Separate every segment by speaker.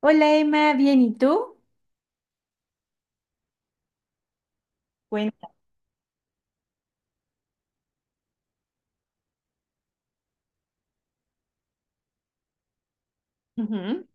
Speaker 1: Hola Emma, bien, ¿y tú? Cuenta. Ujú.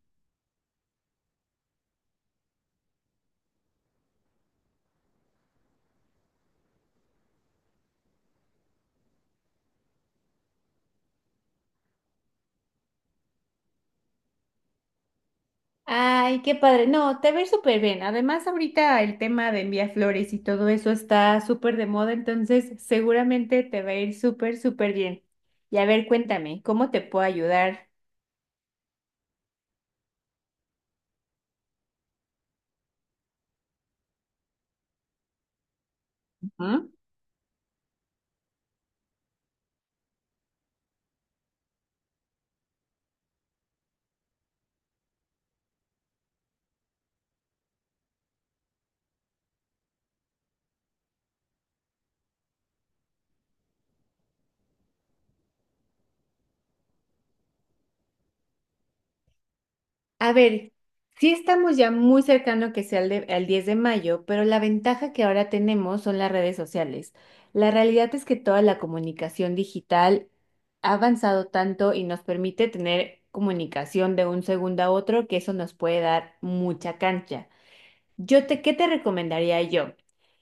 Speaker 1: Ay, qué padre. No, te ves súper bien. Además, ahorita el tema de enviar flores y todo eso está súper de moda, entonces seguramente te va a ir súper, súper bien. Y a ver, cuéntame, ¿cómo te puedo ayudar? A ver, sí estamos ya muy cercano que sea al 10 de mayo, pero la ventaja que ahora tenemos son las redes sociales. La realidad es que toda la comunicación digital ha avanzado tanto y nos permite tener comunicación de un segundo a otro, que eso nos puede dar mucha cancha. ¿Qué te recomendaría yo?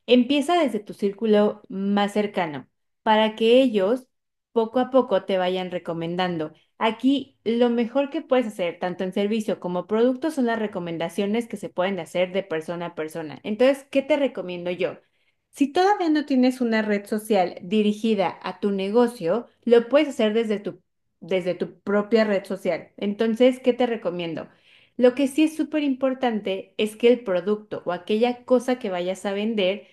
Speaker 1: Empieza desde tu círculo más cercano para que ellos poco a poco te vayan recomendando. Aquí lo mejor que puedes hacer, tanto en servicio como producto, son las recomendaciones que se pueden hacer de persona a persona. Entonces, ¿qué te recomiendo yo? Si todavía no tienes una red social dirigida a tu negocio, lo puedes hacer desde desde tu propia red social. Entonces, ¿qué te recomiendo? Lo que sí es súper importante es que el producto o aquella cosa que vayas a vender,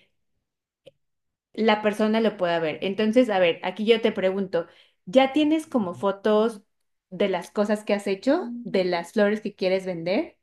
Speaker 1: la persona lo pueda ver. Entonces, a ver, aquí yo te pregunto, ¿ya tienes como fotos de las cosas que has hecho, de las flores que quieres vender?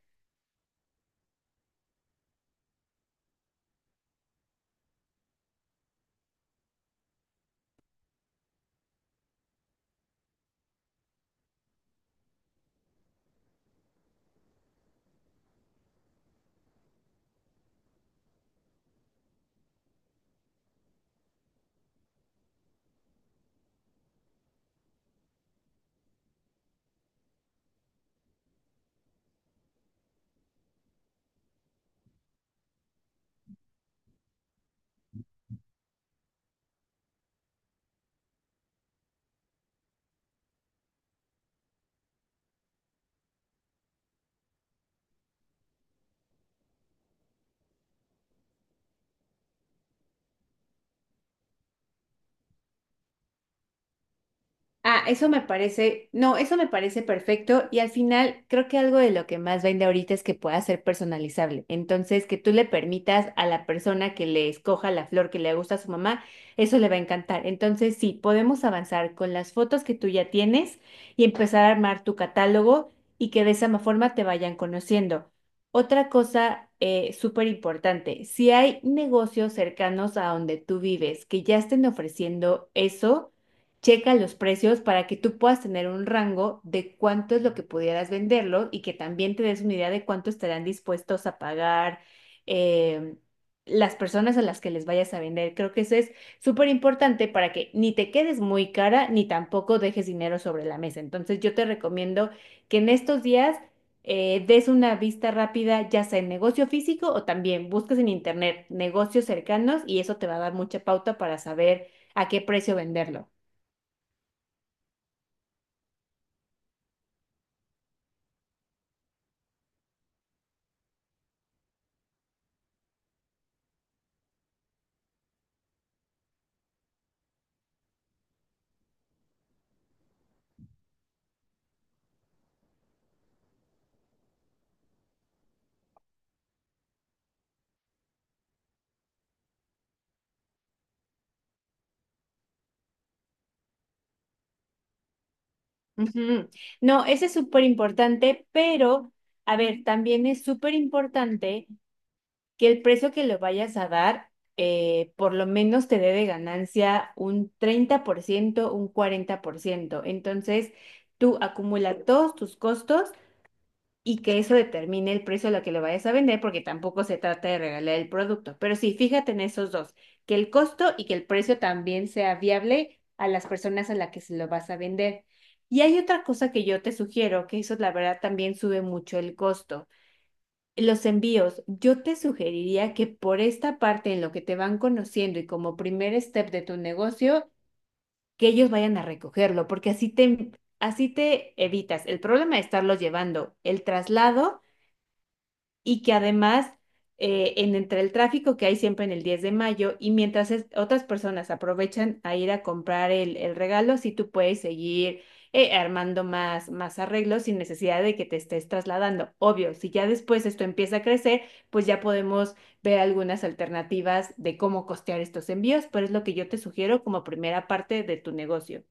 Speaker 1: Ah, eso me parece, no, eso me parece perfecto, y al final creo que algo de lo que más vende ahorita es que pueda ser personalizable. Entonces, que tú le permitas a la persona que le escoja la flor que le gusta a su mamá, eso le va a encantar. Entonces, sí, podemos avanzar con las fotos que tú ya tienes y empezar a armar tu catálogo y que de esa forma te vayan conociendo. Otra cosa súper importante, si hay negocios cercanos a donde tú vives que ya estén ofreciendo eso, checa los precios para que tú puedas tener un rango de cuánto es lo que pudieras venderlo y que también te des una idea de cuánto estarán dispuestos a pagar em, las personas a las que les vayas a vender. Creo que eso es súper importante para que ni te quedes muy cara ni tampoco dejes dinero sobre la mesa. Entonces yo te recomiendo que en estos días des una vista rápida, ya sea en negocio físico o también busques en internet negocios cercanos, y eso te va a dar mucha pauta para saber a qué precio venderlo. Ujú. No, ese es súper importante, pero a ver, también es súper importante que el precio que le vayas a dar, por lo menos te dé de ganancia un 30 por ciento, un 40 por ciento. Entonces, tú acumulas todos tus costos y que eso determine el precio a lo que lo vayas a vender, porque tampoco se trata de regalar el producto. Pero sí, fíjate en esos dos, que el costo y que el precio también sea viable a las personas a las que se lo vas a vender. Y hay otra cosa que yo te sugiero, que eso la verdad también sube mucho el costo. Los envíos, yo te sugeriría que por esta parte, en lo que te van conociendo y como primer step de tu negocio, que ellos vayan a recogerlo, porque así así te evitas el problema de estarlos llevando, el traslado, y que además en entre el tráfico que hay siempre en el 10 de mayo, y mientras otras personas aprovechan a ir a comprar el regalo, si tú puedes seguir armando más arreglos sin necesidad de que te estés trasladando. Obvio, si ya después esto empieza a crecer, pues ya podemos ver algunas alternativas de cómo costear estos envíos, pero es lo que yo te sugiero como primera parte de tu negocio.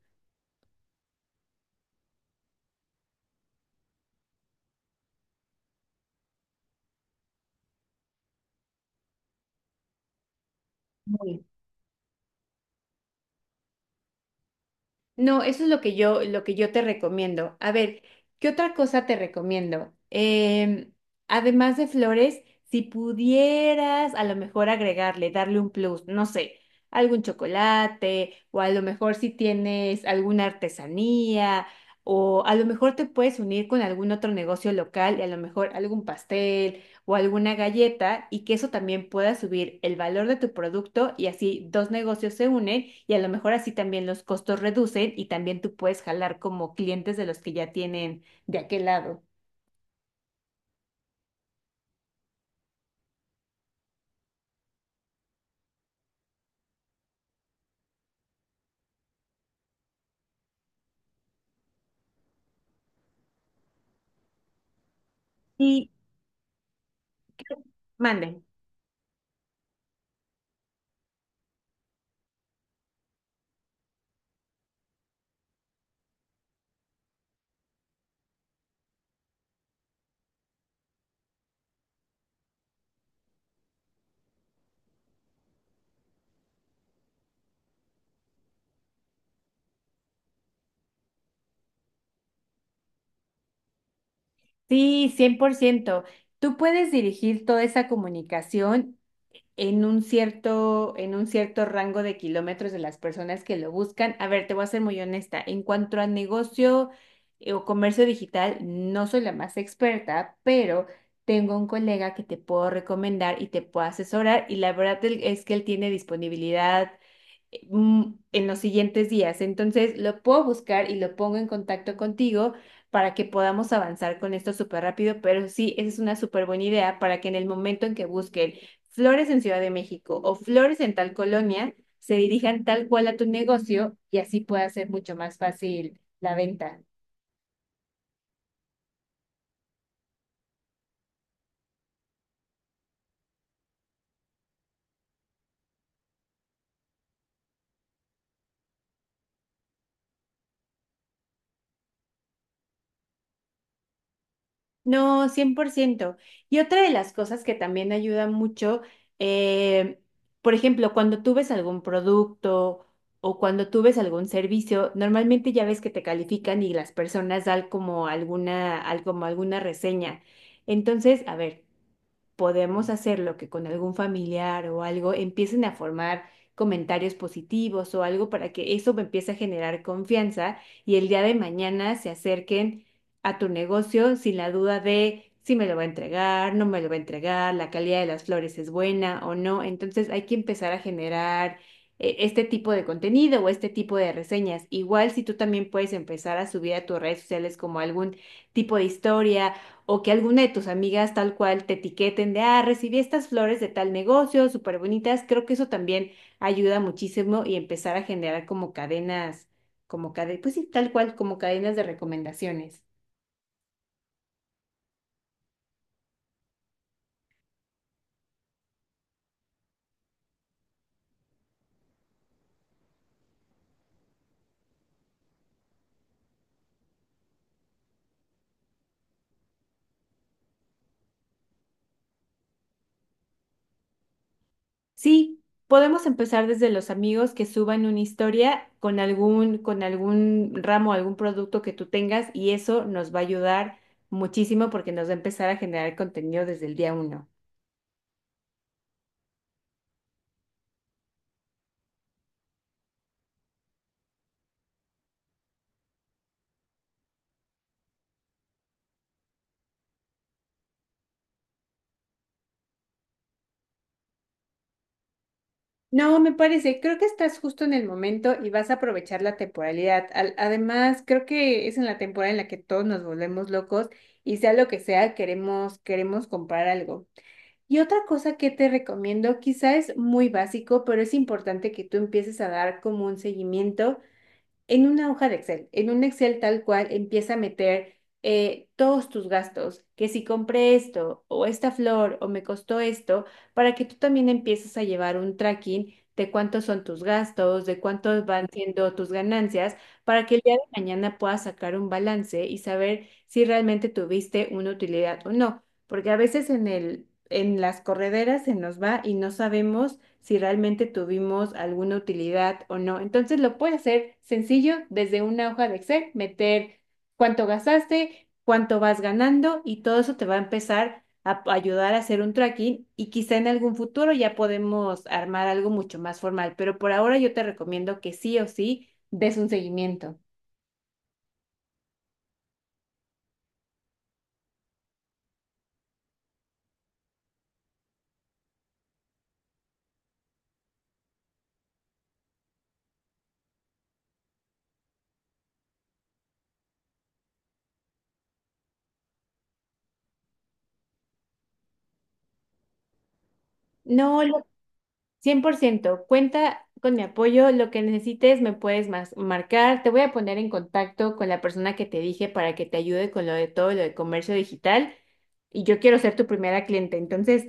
Speaker 1: No, eso es lo que yo te recomiendo. A ver, ¿qué otra cosa te recomiendo? Además de flores, si pudieras a lo mejor agregarle, darle un plus, no sé, algún chocolate, o a lo mejor si tienes alguna artesanía, o a lo mejor te puedes unir con algún otro negocio local y a lo mejor algún pastel o alguna galleta, y que eso también pueda subir el valor de tu producto y así dos negocios se unen y a lo mejor así también los costos reducen, y también tú puedes jalar como clientes de los que ya tienen de aquel lado. Y manden. Sí, 100 por ciento. Tú puedes dirigir toda esa comunicación en un cierto rango de kilómetros de las personas que lo buscan. A ver, te voy a ser muy honesta. En cuanto a negocio o comercio digital, no soy la más experta, pero tengo un colega que te puedo recomendar y te puedo asesorar. Y la verdad es que él tiene disponibilidad en los siguientes días. Entonces, lo puedo buscar y lo pongo en contacto contigo para que podamos avanzar con esto súper rápido. Pero sí, esa es una súper buena idea, para que en el momento en que busquen flores en Ciudad de México o flores en tal colonia, se dirijan tal cual a tu negocio y así pueda ser mucho más fácil la venta. No, 100 por ciento. Y otra de las cosas que también ayuda mucho, eh, por ejemplo, cuando tú ves algún producto o cuando tú ves algún servicio, normalmente ya ves que te califican y las personas dan como como alguna reseña. Entonces, a ver, podemos hacerlo, que con algún familiar o algo empiecen a formar comentarios positivos o algo para que eso me empiece a generar confianza y el día de mañana se acerquen a tu negocio sin la duda de si me lo va a entregar, no me lo va a entregar, la calidad de las flores es buena o no. Entonces hay que empezar a generar este tipo de contenido o este tipo de reseñas. Igual si tú también puedes empezar a subir a tus redes sociales como algún tipo de historia, o que alguna de tus amigas tal cual te etiqueten de, ah, recibí estas flores de tal negocio, súper bonitas. Creo que eso también ayuda muchísimo, y empezar a generar como cadenas, pues sí, tal cual, como cadenas de recomendaciones. Sí, podemos empezar desde los amigos que suban una historia con algún ramo, algún producto que tú tengas, y eso nos va a ayudar muchísimo porque nos va a empezar a generar contenido desde el día uno. No, me parece, creo que estás justo en el momento y vas a aprovechar la temporalidad. Al- además, creo que es en la temporada en la que todos nos volvemos locos y sea lo que sea, queremos, queremos comprar algo. Y otra cosa que te recomiendo, quizá es muy básico, pero es importante que tú empieces a dar como un seguimiento en una hoja de Excel, en un Excel tal cual, empieza a meter todos tus gastos, que si compré esto o esta flor o me costó esto, para que tú también empieces a llevar un tracking de cuántos son tus gastos, de cuántos van siendo tus ganancias, para que el día de mañana puedas sacar un balance y saber si realmente tuviste una utilidad o no. Porque a veces en el en las correderas se nos va y no sabemos si realmente tuvimos alguna utilidad o no. Entonces lo puede hacer sencillo desde una hoja de Excel, meter cuánto gastaste, cuánto vas ganando, y todo eso te va a empezar a ayudar a hacer un tracking, y quizá en algún futuro ya podemos armar algo mucho más formal, pero por ahora yo te recomiendo que sí o sí des un seguimiento. No, cien por ciento, cuenta con mi apoyo. Lo que necesites me puedes marcar. Te voy a poner en contacto con la persona que te dije para que te ayude con lo de todo lo de comercio digital, y yo quiero ser tu primera cliente. Entonces,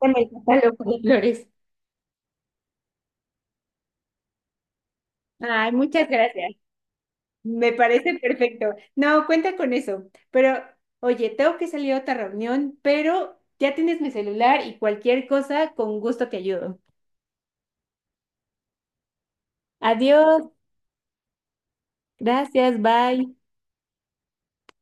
Speaker 1: dame el catálogo de flores. Ay, muchas gracias. Me parece perfecto. No, cuenta con eso. Pero oye, tengo que salir a otra reunión, pero ya tienes mi celular y cualquier cosa, con gusto te ayudo. Adiós, gracias, bye.